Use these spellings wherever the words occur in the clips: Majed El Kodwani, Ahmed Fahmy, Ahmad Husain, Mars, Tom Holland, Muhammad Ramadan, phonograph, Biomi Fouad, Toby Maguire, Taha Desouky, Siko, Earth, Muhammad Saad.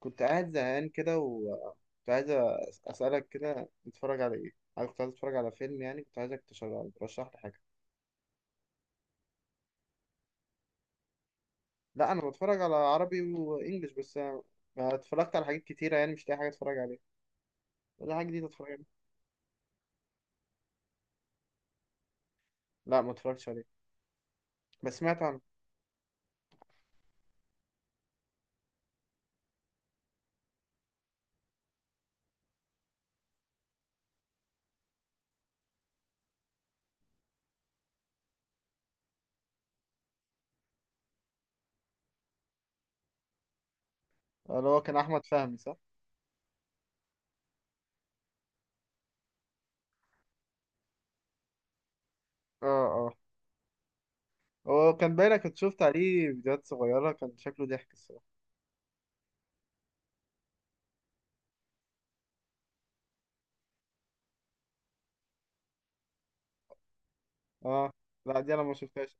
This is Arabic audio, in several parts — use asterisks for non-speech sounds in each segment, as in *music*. كنت قاعد زهقان كده، وكنت عايز أسألك كده نتفرج على إيه؟ أنا كنت عايز أتفرج على فيلم، يعني كنت عايزك تشغل ترشح لي حاجة. لا، أنا بتفرج على عربي وإنجليش، بس أنا اتفرجت على حاجات كتيرة، يعني مش لاقي حاجة أتفرج عليها، ولا حاجة جديدة أتفرج عليها. لا، ما اتفرجتش عليه، بس سمعت عنه. اللي هو كان أحمد فهمي، صح؟ آه آه. هو كان باينة كنت شفت عليه فيديوهات صغيرة، كان شكله ضحك الصراحة. آه. لا، دي أنا ما شفتهاش.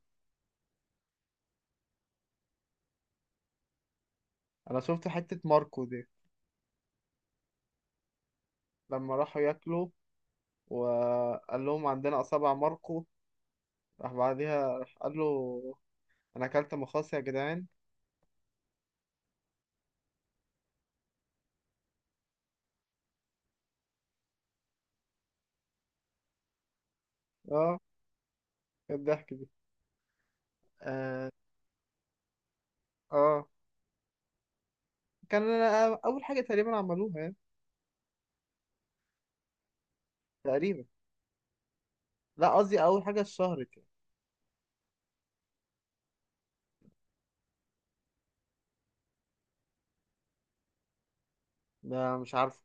أنا شفت حتة ماركو دي لما راحوا ياكلوا، وقال لهم عندنا أصابع ماركو، راح بعديها راح قال له: انا اكلت مخاص يا جدعان. اه. إيه الضحك دي؟ اه اه. كان اول حاجه تقريبا عملوها يعني. تقريبا. لا، قصدي اول حاجه اتشهرت يعني. ده مش عارفه.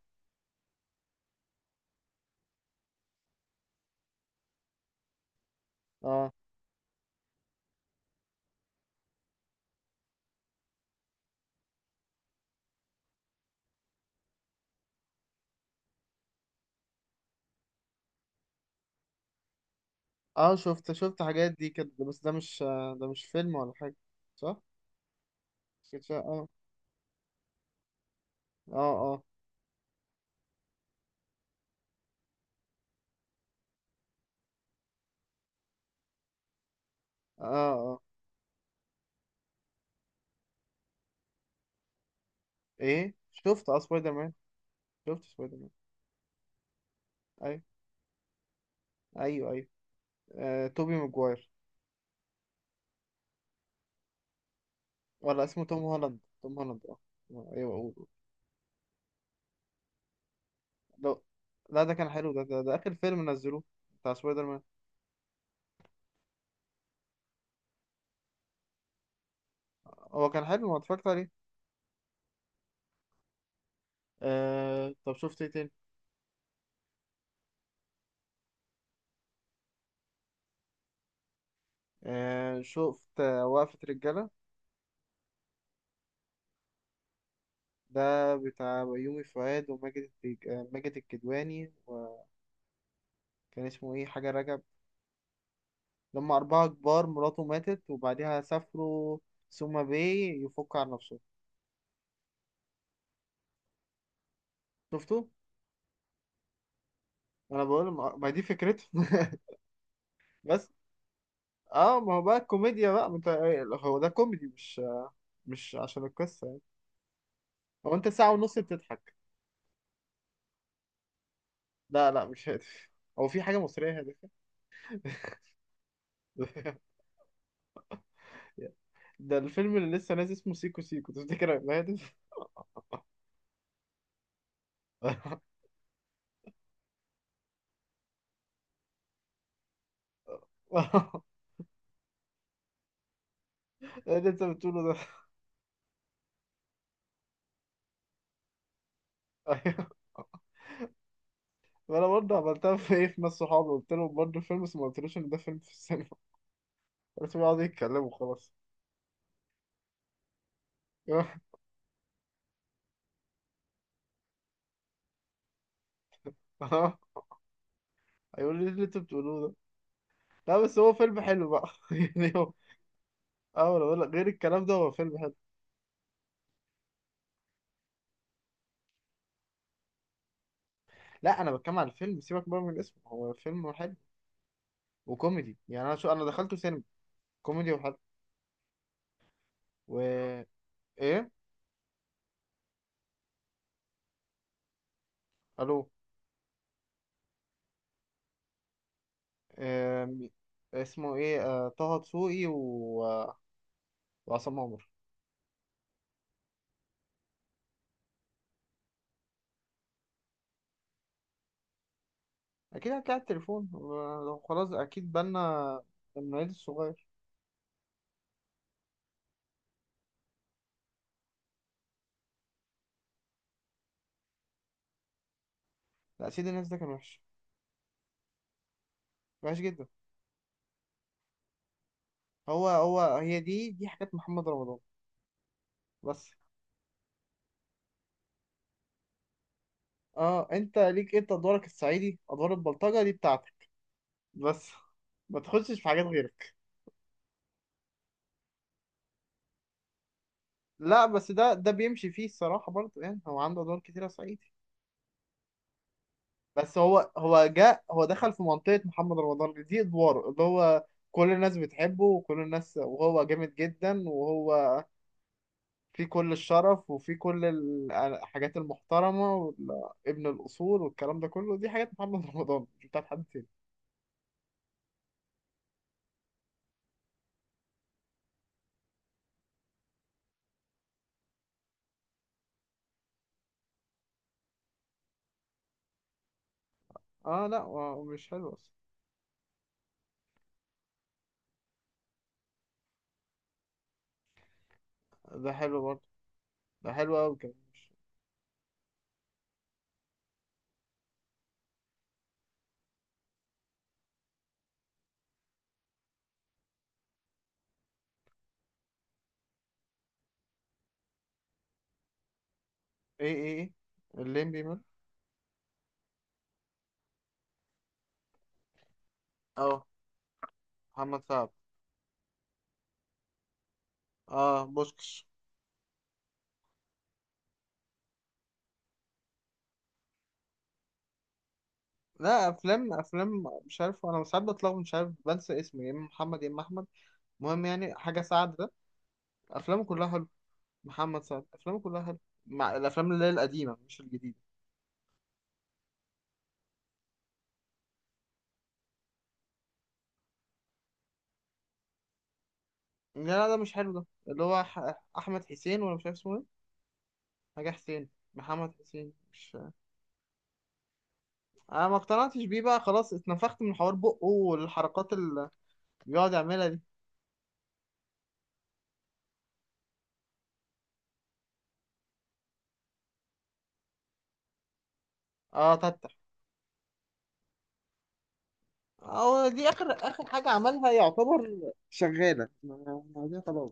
اه اه، شفت حاجات دي كده، بس ده مش فيلم ولا حاجه، صح؟ كده اه اه اه اه اه. ايه، شفت، اه سبايدر مان. شفت سبايدر مان. ايوه. ايوه ايوه. توبي ماجواير. ولا اسمه توم هولاند، توم هولاند، اه. ايوه، اقول. لو. لا، ده كان حلو، ده ده آخر فيلم نزلوه، بتاع سبايدر مان. هو كان حلو، ما اتفرجت عليه. طب شفت ايه تاني. شفت وقفة رجالة. ده بتاع بيومي فؤاد وماجد التج... آه، ماجد الكدواني، وكان اسمه ايه، حاجة رجب. لما أربعة كبار، مراته ماتت وبعديها سافروا سوما باي يفك عن نفسه. شفته؟ أنا بقول ما دي فكرته. *laughs* بس. اه، ما هو بقى الكوميديا بقى، ما انت، هو ده كوميدي، مش عشان القصة يعني. هو انت ساعة ونص بتضحك. لا لا، مش هادف. هو في حاجة مصرية هادفة؟ *laughs* ده الفيلم اللي لسه نازل اسمه سيكو سيكو، تفتكر هيبقى هادف؟ *laughs* ايه اللي انت بتقوله ده؟ *laughs* ايوه. وانا برضه عملتها، في ايه، في ناس صحابي قلت لهم برضه فيلم، بس ما قلتلوش ان ده فيلم في السينما. *laughs* بس بيقعدوا يتكلموا خلاص. *laughs* هيقول لي ايه اللي انت بتقولوه ده. لا، بس هو فيلم حلو بقى، *laughs* يعني هو. اه، انا بقول لك غير الكلام ده، هو فيلم حلو. لا، انا بتكلم على الفيلم، سيبك بقى من اسمه، هو فيلم حلو وكوميدي، يعني انا شو، انا دخلته سينما. كوميدي وحلو. و، ايه، الو. آم، اسمه ايه، طه دسوقي و... وعصام عمر. اكيد هتلاقي على التليفون، لو خلاص اكيد بالنا من العيد الصغير. لا، سيد الناس ده كان وحش، وحش جدا. هو هو هي دي دي حاجات محمد رمضان بس. اه، انت ليك انت ادوارك الصعيدي، ادوار البلطجه دي بتاعتك بس، ما تخشش في حاجات غيرك. لا، بس ده بيمشي فيه الصراحه برضه، يعني هو عنده ادوار كتيره صعيدي. بس هو دخل في منطقة محمد رمضان، دي ادواره اللي هو كل الناس بتحبه، وكل الناس، وهو جامد جدا، وهو في كل الشرف، وفي كل الحاجات المحترمة، وابن الأصول، والكلام ده كله، دي حاجات محمد *laughs* رمضان، مش بتاعت حد تاني. اه، لا هو مش حلو اصلا. ده حلو برضه، ده حلو قوي كمان، مش- ايه ايه ايه، الليمبي مال. اه، محمد سعد. اه، بوشكش. لا، افلام افلام مش عارف، انا ساعات بتلخبط مش عارف، بنسى اسمه، يا اما محمد يا اما احمد. المهم يعني حاجة سعد ده، أفلامه كلها حلوة. محمد سعد، أفلامه كلها حلوة، مع الأفلام اللي هي القديمة مش الجديدة. لا لا، ده مش حلو، ده اللي هو أحمد حسين، ولا مش عارف اسمه إيه، حاجة حسين، محمد حسين مش. أنا ما اقتنعتش بيه بقى خلاص، اتنفخت من حوار بقه، والحركات اللي بيقعد يعملها دي. اه، تتح. اه، دي آخر آخر حاجة عملها يعتبر شغالة، ما دي خلاص،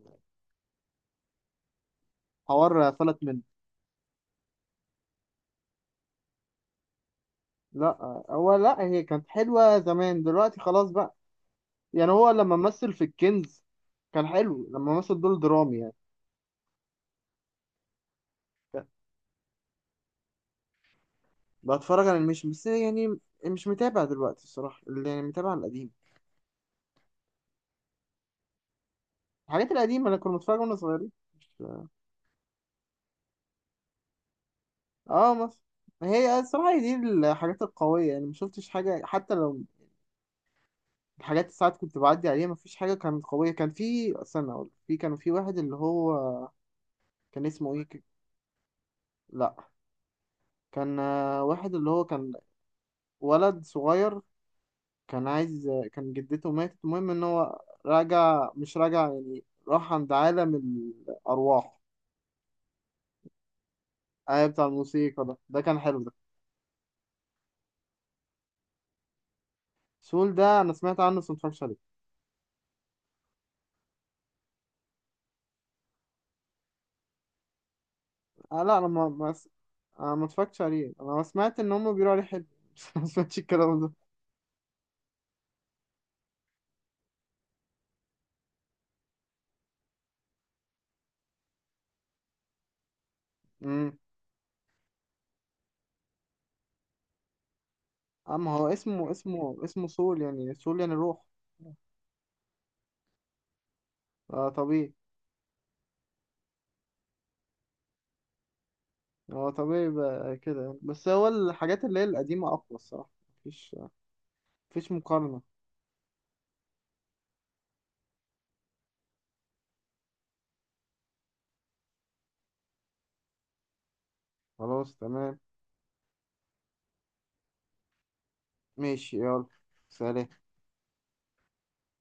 حوار فلت منه. لا هي كانت حلوة زمان، دلوقتي خلاص بقى، يعني هو لما مثل في الكنز كان حلو، لما مثل دور درامي يعني. كان- بتفرج على الميشن بس يعني، مش متابع دلوقتي الصراحة، اللي يعني متابع القديم، الحاجات القديمة اللي كنا بنتفرج واحنا صغيرين، مش- اه مثلا. هي الصراحة هي دي الحاجات القوية، يعني ما شفتش حاجة، حتى لو الحاجات اللي ساعات كنت بعدي عليها، ما فيش حاجة كانت قوية. كان في، استنى أقول، في كان في واحد اللي هو كان اسمه ايه، ك-، لا، كان واحد اللي هو كان ولد صغير، كان عايز، كان جدته ماتت، المهم ان هو راجع مش راجع يعني، راح عند عالم الارواح. اي، بتاع الموسيقى ده كان حلو ده. سول ده انا سمعت عنه، بس ما اتفرجتش عليه. آه، لا، انا ما ما, س... أنا ما اتفرجتش عليه، انا سمعت ان هم بيقولوا عليه حلو بس. *laughs* ما سمعتش الكلام ده. امم. اما هو اسمه اسمه سول، يعني سول يعني روح. آه، طبيعي. هو طبيعي يبقى كده يعني. بس هو الحاجات اللي هي القديمة اقوى الصراحة، مفيش، مفيش مقارنة. خلاص، تمام، ماشي، يلا، سلام.